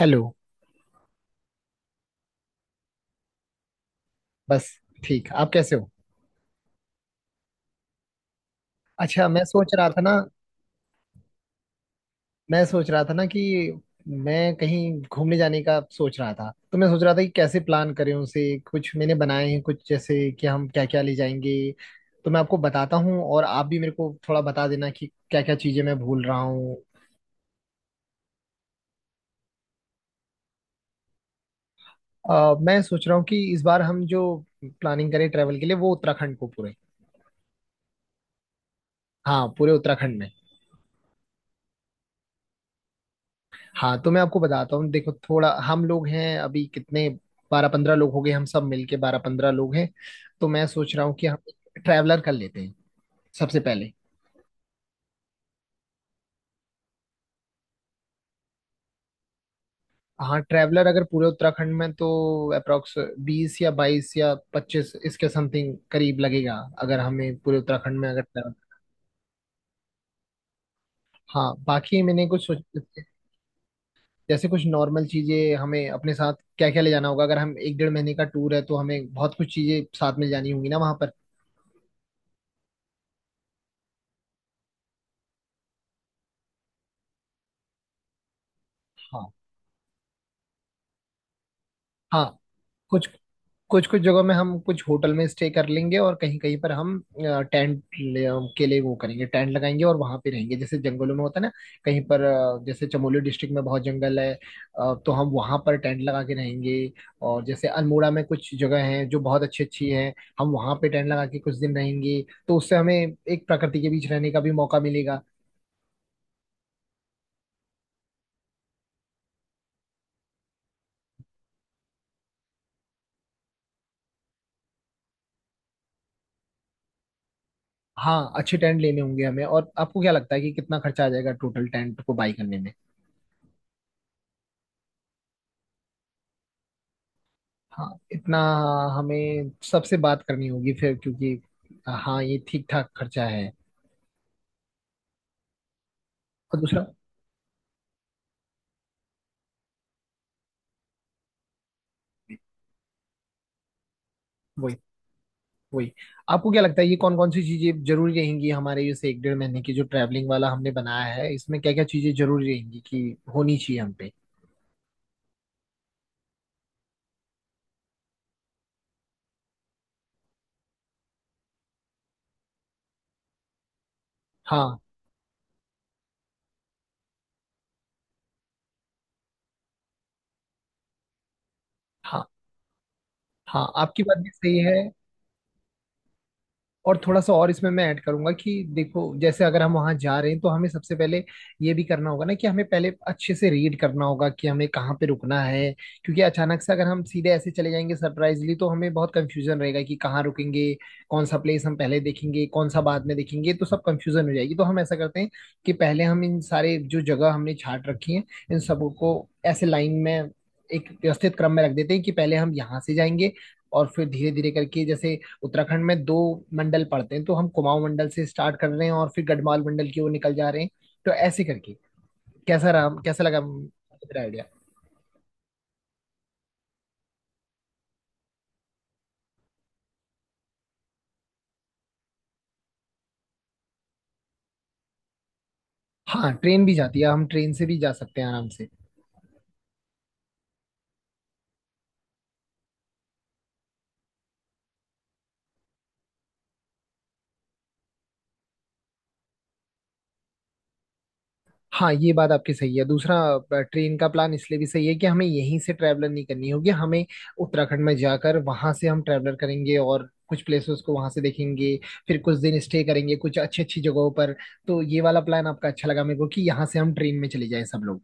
Hello. बस। ठीक, आप कैसे हो? अच्छा, मैं सोच रहा था ना कि मैं कहीं घूमने जाने का सोच रहा था, तो मैं सोच रहा था कि कैसे प्लान करें उसे। कुछ मैंने बनाए हैं, कुछ जैसे कि हम क्या क्या ले जाएंगे। तो मैं आपको बताता हूँ, और आप भी मेरे को थोड़ा बता देना कि क्या क्या चीज़ें मैं भूल रहा हूँ। मैं सोच रहा हूँ कि इस बार हम जो प्लानिंग करें ट्रैवल के लिए, वो उत्तराखंड को पूरे। हाँ, पूरे उत्तराखंड में। हाँ, तो मैं आपको बताता हूँ, देखो थोड़ा हम लोग हैं अभी कितने, 12-15 लोग हो गए, हम सब मिलके 12-15 लोग हैं। तो मैं सोच रहा हूँ कि हम ट्रैवलर कर लेते हैं सबसे पहले। हाँ, ट्रैवलर अगर पूरे उत्तराखंड में, तो अप्रोक्स 20 या 22 या 25 इसके समथिंग करीब लगेगा, अगर हमें पूरे उत्तराखंड में अगर travel- हाँ, बाकी मैंने कुछ सोच, जैसे कुछ नॉर्मल चीजें हमें अपने साथ क्या क्या ले जाना होगा। अगर हम 1-1.5 महीने का टूर है तो हमें बहुत कुछ चीजें साथ में ले जानी होंगी ना वहां पर। हाँ। हाँ। कुछ कुछ कुछ जगहों में हम कुछ होटल में स्टे कर लेंगे, और कहीं कहीं पर हम टेंट के लिए वो करेंगे, टेंट लगाएंगे और वहां पे रहेंगे, जैसे जंगलों में होता है ना। कहीं पर जैसे चमोली डिस्ट्रिक्ट में बहुत जंगल है, तो हम वहां पर टेंट लगा के रहेंगे। और जैसे अल्मोड़ा में कुछ जगह हैं जो बहुत अच्छी अच्छी हैं, हम वहां पे टेंट लगा के कुछ दिन रहेंगे। तो उससे हमें एक प्रकृति के बीच रहने का भी मौका मिलेगा। हाँ, अच्छे टेंट लेने होंगे हमें। और आपको क्या लगता है कि कितना खर्चा आ जाएगा टोटल टेंट को बाई करने में? हाँ इतना। हमें सबसे बात करनी होगी फिर, क्योंकि हाँ ये ठीक ठाक खर्चा है। और दूसरा। वही। वही। आपको क्या लगता है ये कौन कौन सी चीजें जरूरी रहेंगी हमारे इस 1-1.5 महीने की जो ट्रैवलिंग वाला हमने बनाया है, इसमें क्या क्या चीजें जरूरी रहेंगी कि होनी चाहिए हम पे। हाँ। हाँ। हाँ, आपकी बात भी सही है। और थोड़ा सा और इसमें मैं ऐड करूंगा कि देखो, जैसे अगर हम वहां जा रहे हैं तो हमें सबसे पहले ये भी करना होगा ना कि हमें पहले अच्छे से रीड करना होगा कि हमें कहाँ पे रुकना है। क्योंकि अचानक से अगर हम सीधे ऐसे चले जाएंगे सरप्राइजली, तो हमें बहुत कंफ्यूजन रहेगा कि कहाँ रुकेंगे, कौन सा प्लेस हम पहले देखेंगे, कौन सा बाद में देखेंगे, तो सब कंफ्यूजन हो जाएगी। तो हम ऐसा करते हैं कि पहले हम इन सारे जो जगह हमने छाट रखी है, इन सबको ऐसे लाइन में, एक व्यवस्थित क्रम में रख देते हैं कि पहले हम यहाँ से जाएंगे, और फिर धीरे धीरे करके, जैसे उत्तराखंड में 2 मंडल पड़ते हैं, तो हम कुमाऊं मंडल से स्टार्ट कर रहे हैं और फिर गढ़वाल मंडल की ओर निकल जा रहे हैं। तो ऐसे करके कैसा रहा, कैसा लगा मेरा आइडिया? हाँ, ट्रेन भी जाती है, हम ट्रेन से भी जा सकते हैं आराम से। हाँ, ये बात आपकी सही है। दूसरा ट्रेन का प्लान इसलिए भी सही है कि हमें यहीं से ट्रैवलर नहीं करनी होगी, हमें उत्तराखंड में जाकर वहां से हम ट्रैवलर करेंगे और कुछ प्लेसेस को वहां से देखेंगे, फिर कुछ दिन स्टे करेंगे कुछ अच्छी अच्छी जगहों पर। तो ये वाला प्लान आपका अच्छा लगा मेरे को कि यहाँ से हम ट्रेन में चले जाएं सब लोग।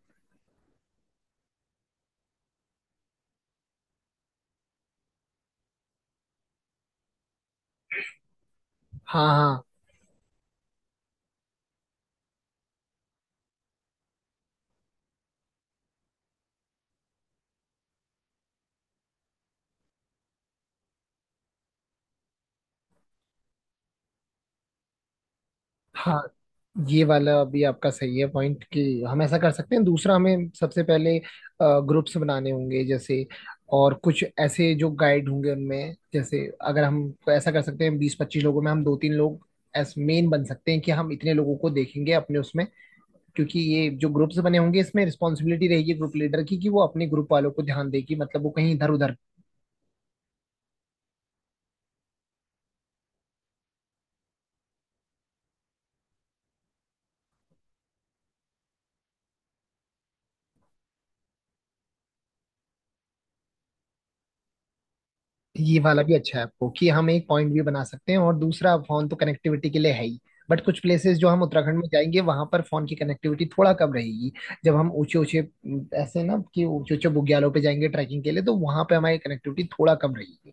हाँ, हाँ, हाँ। ये वाला अभी आपका सही है पॉइंट कि हम ऐसा कर सकते हैं। दूसरा, हमें सबसे पहले ग्रुप्स बनाने होंगे, जैसे और कुछ ऐसे जो गाइड होंगे उनमें, जैसे अगर हम ऐसा कर सकते हैं 20-25 लोगों में हम 2-3 लोग एस मेन बन सकते हैं कि हम इतने लोगों को देखेंगे अपने उसमें। क्योंकि ये जो ग्रुप्स बने होंगे, इसमें रिस्पॉन्सिबिलिटी रहेगी ग्रुप लीडर की कि वो अपने ग्रुप वालों को ध्यान देगी, मतलब वो कहीं इधर उधर। ये वाला भी अच्छा है आपको, कि हम एक पॉइंट भी बना सकते हैं। और दूसरा, फोन तो कनेक्टिविटी के लिए है ही, बट कुछ प्लेसेस जो हम उत्तराखंड में जाएंगे, वहां पर फोन की कनेक्टिविटी थोड़ा कम रहेगी। जब हम ऊंचे ऊंचे ऐसे ना कि ऊंचे ऊंचे बुग्यालों पे जाएंगे ट्रैकिंग के लिए, तो वहां पे हमारी कनेक्टिविटी थोड़ा कम रहेगी।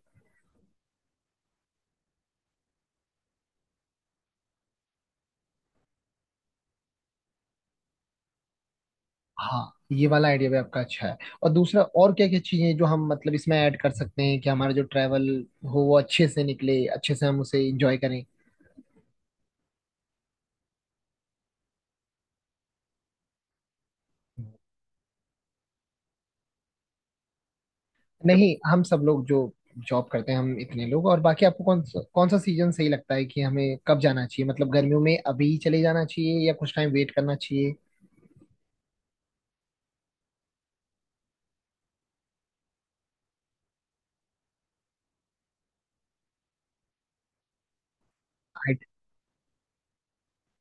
हाँ, ये वाला आइडिया भी आपका अच्छा है। और दूसरा, और क्या क्या चीजें जो हम मतलब इसमें ऐड कर सकते हैं कि हमारा जो ट्रैवल हो वो अच्छे से निकले, अच्छे से हम उसे एंजॉय करें। नहीं, हम सब लोग जो जॉब करते हैं हम इतने लोग। और बाकी आपको कौन सा सीजन सही लगता है कि हमें कब जाना चाहिए? मतलब गर्मियों में अभी चले जाना चाहिए, या कुछ टाइम वेट करना चाहिए?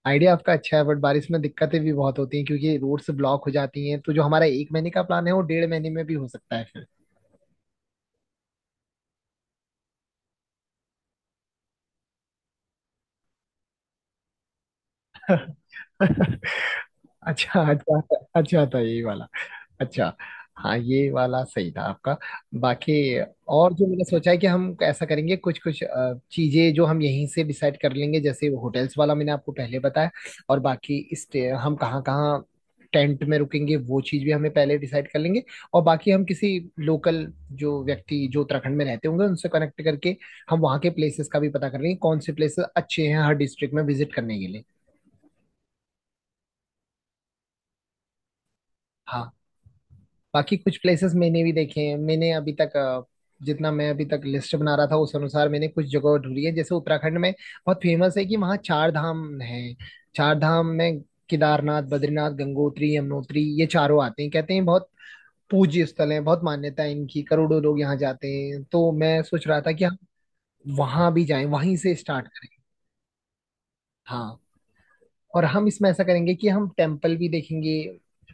आइडिया आपका अच्छा है, बट बारिश में दिक्कतें भी बहुत होती हैं क्योंकि रोड्स ब्लॉक हो जाती हैं, तो जो हमारा 1 महीने का प्लान है वो 1.5 महीने में भी हो सकता है फिर। अच्छा, अच्छा, अच्छा था यही वाला। अच्छा। हाँ, ये वाला सही था आपका। बाकी और जो मैंने सोचा है कि हम ऐसा करेंगे, कुछ कुछ चीजें जो हम यहीं से डिसाइड कर लेंगे, जैसे वो होटल्स वाला मैंने आपको पहले बताया। और बाकी स्टे हम कहाँ कहाँ टेंट में रुकेंगे वो चीज भी हमें पहले डिसाइड कर लेंगे। और बाकी हम किसी लोकल जो व्यक्ति जो उत्तराखंड में रहते होंगे उनसे कनेक्ट करके हम वहाँ के प्लेसेस का भी पता कर लेंगे, कौन से प्लेसेस अच्छे हैं हर डिस्ट्रिक्ट में विजिट करने के लिए। हाँ। बाकी कुछ प्लेसेस मैंने भी देखे हैं, मैंने अभी तक जितना मैं अभी तक लिस्ट बना रहा था उस अनुसार मैंने कुछ जगह ढूंढी है। जैसे उत्तराखंड में बहुत फेमस है कि वहाँ चार धाम है। चार धाम में केदारनाथ, बद्रीनाथ, गंगोत्री, यमुनोत्री, ये चारों आते हैं। कहते हैं बहुत पूज्य स्थल है, बहुत मान्यता है इनकी, करोड़ों लोग यहाँ जाते हैं, तो मैं सोच रहा था कि हम वहां भी जाएं, वहीं से स्टार्ट करें। हाँ। और हम इसमें ऐसा करेंगे कि हम टेम्पल भी देखेंगे,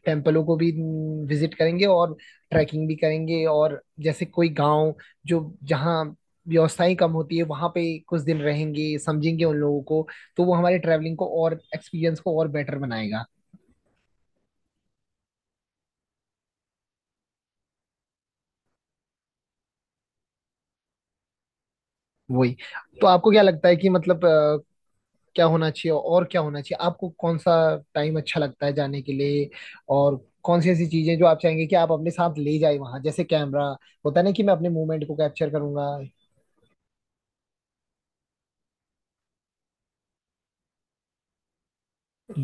टेम्पलों को भी विजिट करेंगे, और ट्रैकिंग भी करेंगे। और जैसे कोई गांव जो जहाँ व्यवस्थाएं कम होती है वहां पे कुछ दिन रहेंगे, समझेंगे उन लोगों को। तो वो हमारे ट्रैवलिंग को और एक्सपीरियंस को और बेटर बनाएगा। वही। तो आपको क्या लगता है कि मतलब क्या होना चाहिए और क्या होना चाहिए? आपको कौन सा टाइम अच्छा लगता है जाने के लिए? और कौन सी ऐसी चीजें जो आप चाहेंगे कि आप अपने साथ ले जाए वहां, जैसे कैमरा होता है ना कि मैं अपने मूवमेंट को कैप्चर करूंगा।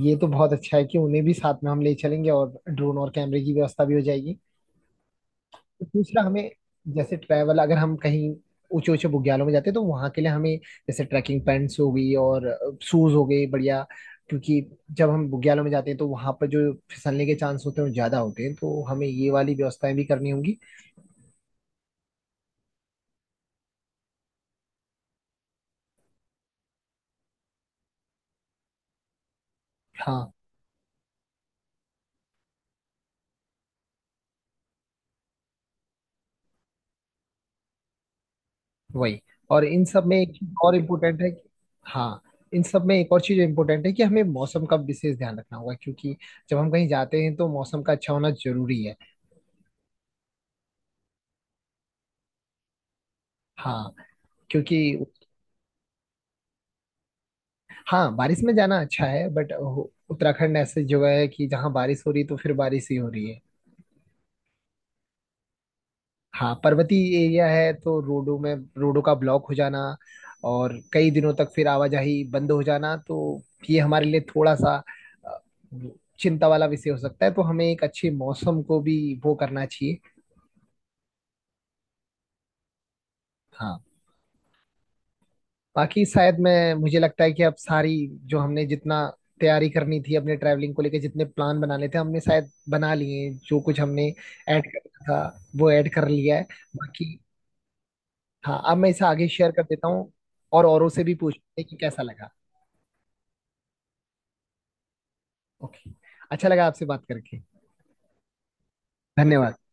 ये तो बहुत अच्छा है कि उन्हें भी साथ में हम ले चलेंगे, और ड्रोन और कैमरे की व्यवस्था भी हो जाएगी। तो दूसरा हमें, जैसे ट्रैवल अगर हम कहीं ऊंचे ऊंचे बुग्यालों में जाते हैं तो वहां के लिए हमें, जैसे ट्रैकिंग पैंट्स हो गई और शूज हो गए बढ़िया, क्योंकि जब हम बुग्यालों में जाते हैं तो वहां पर जो फिसलने के चांस होते हैं वो ज्यादा होते हैं, तो हमें ये वाली व्यवस्थाएं भी करनी होंगी। हाँ। वही। और इन सब में एक चीज और इम्पोर्टेंट है कि। हाँ। इन सब में एक और चीज इम्पोर्टेंट है कि हमें मौसम का विशेष ध्यान रखना होगा, क्योंकि जब हम कहीं जाते हैं तो मौसम का अच्छा होना जरूरी है। हाँ। क्योंकि। हाँ, बारिश में जाना अच्छा है, बट उत्तराखंड ऐसी जगह है कि जहाँ बारिश हो रही तो फिर बारिश ही हो रही है। हाँ, पर्वतीय एरिया है तो रोडों का ब्लॉक हो जाना, और कई दिनों तक फिर आवाजाही बंद हो जाना, तो ये हमारे लिए थोड़ा सा अ, चिंता वाला विषय हो सकता है, तो हमें एक अच्छे मौसम को भी वो करना चाहिए। हाँ। बाकी शायद मैं, मुझे लगता है कि अब सारी जो हमने जितना तैयारी करनी थी अपने ट्रैवलिंग को लेकर जितने प्लान बनाने थे हमने शायद बना लिए हैं। जो कुछ हमने ऐड करना था वो ऐड कर लिया है। बाकी हाँ, अब मैं इसे आगे शेयर कर देता हूँ और औरों से भी पूछते हैं कि कैसा लगा। ओके। अच्छा लगा आपसे बात करके। धन्यवाद।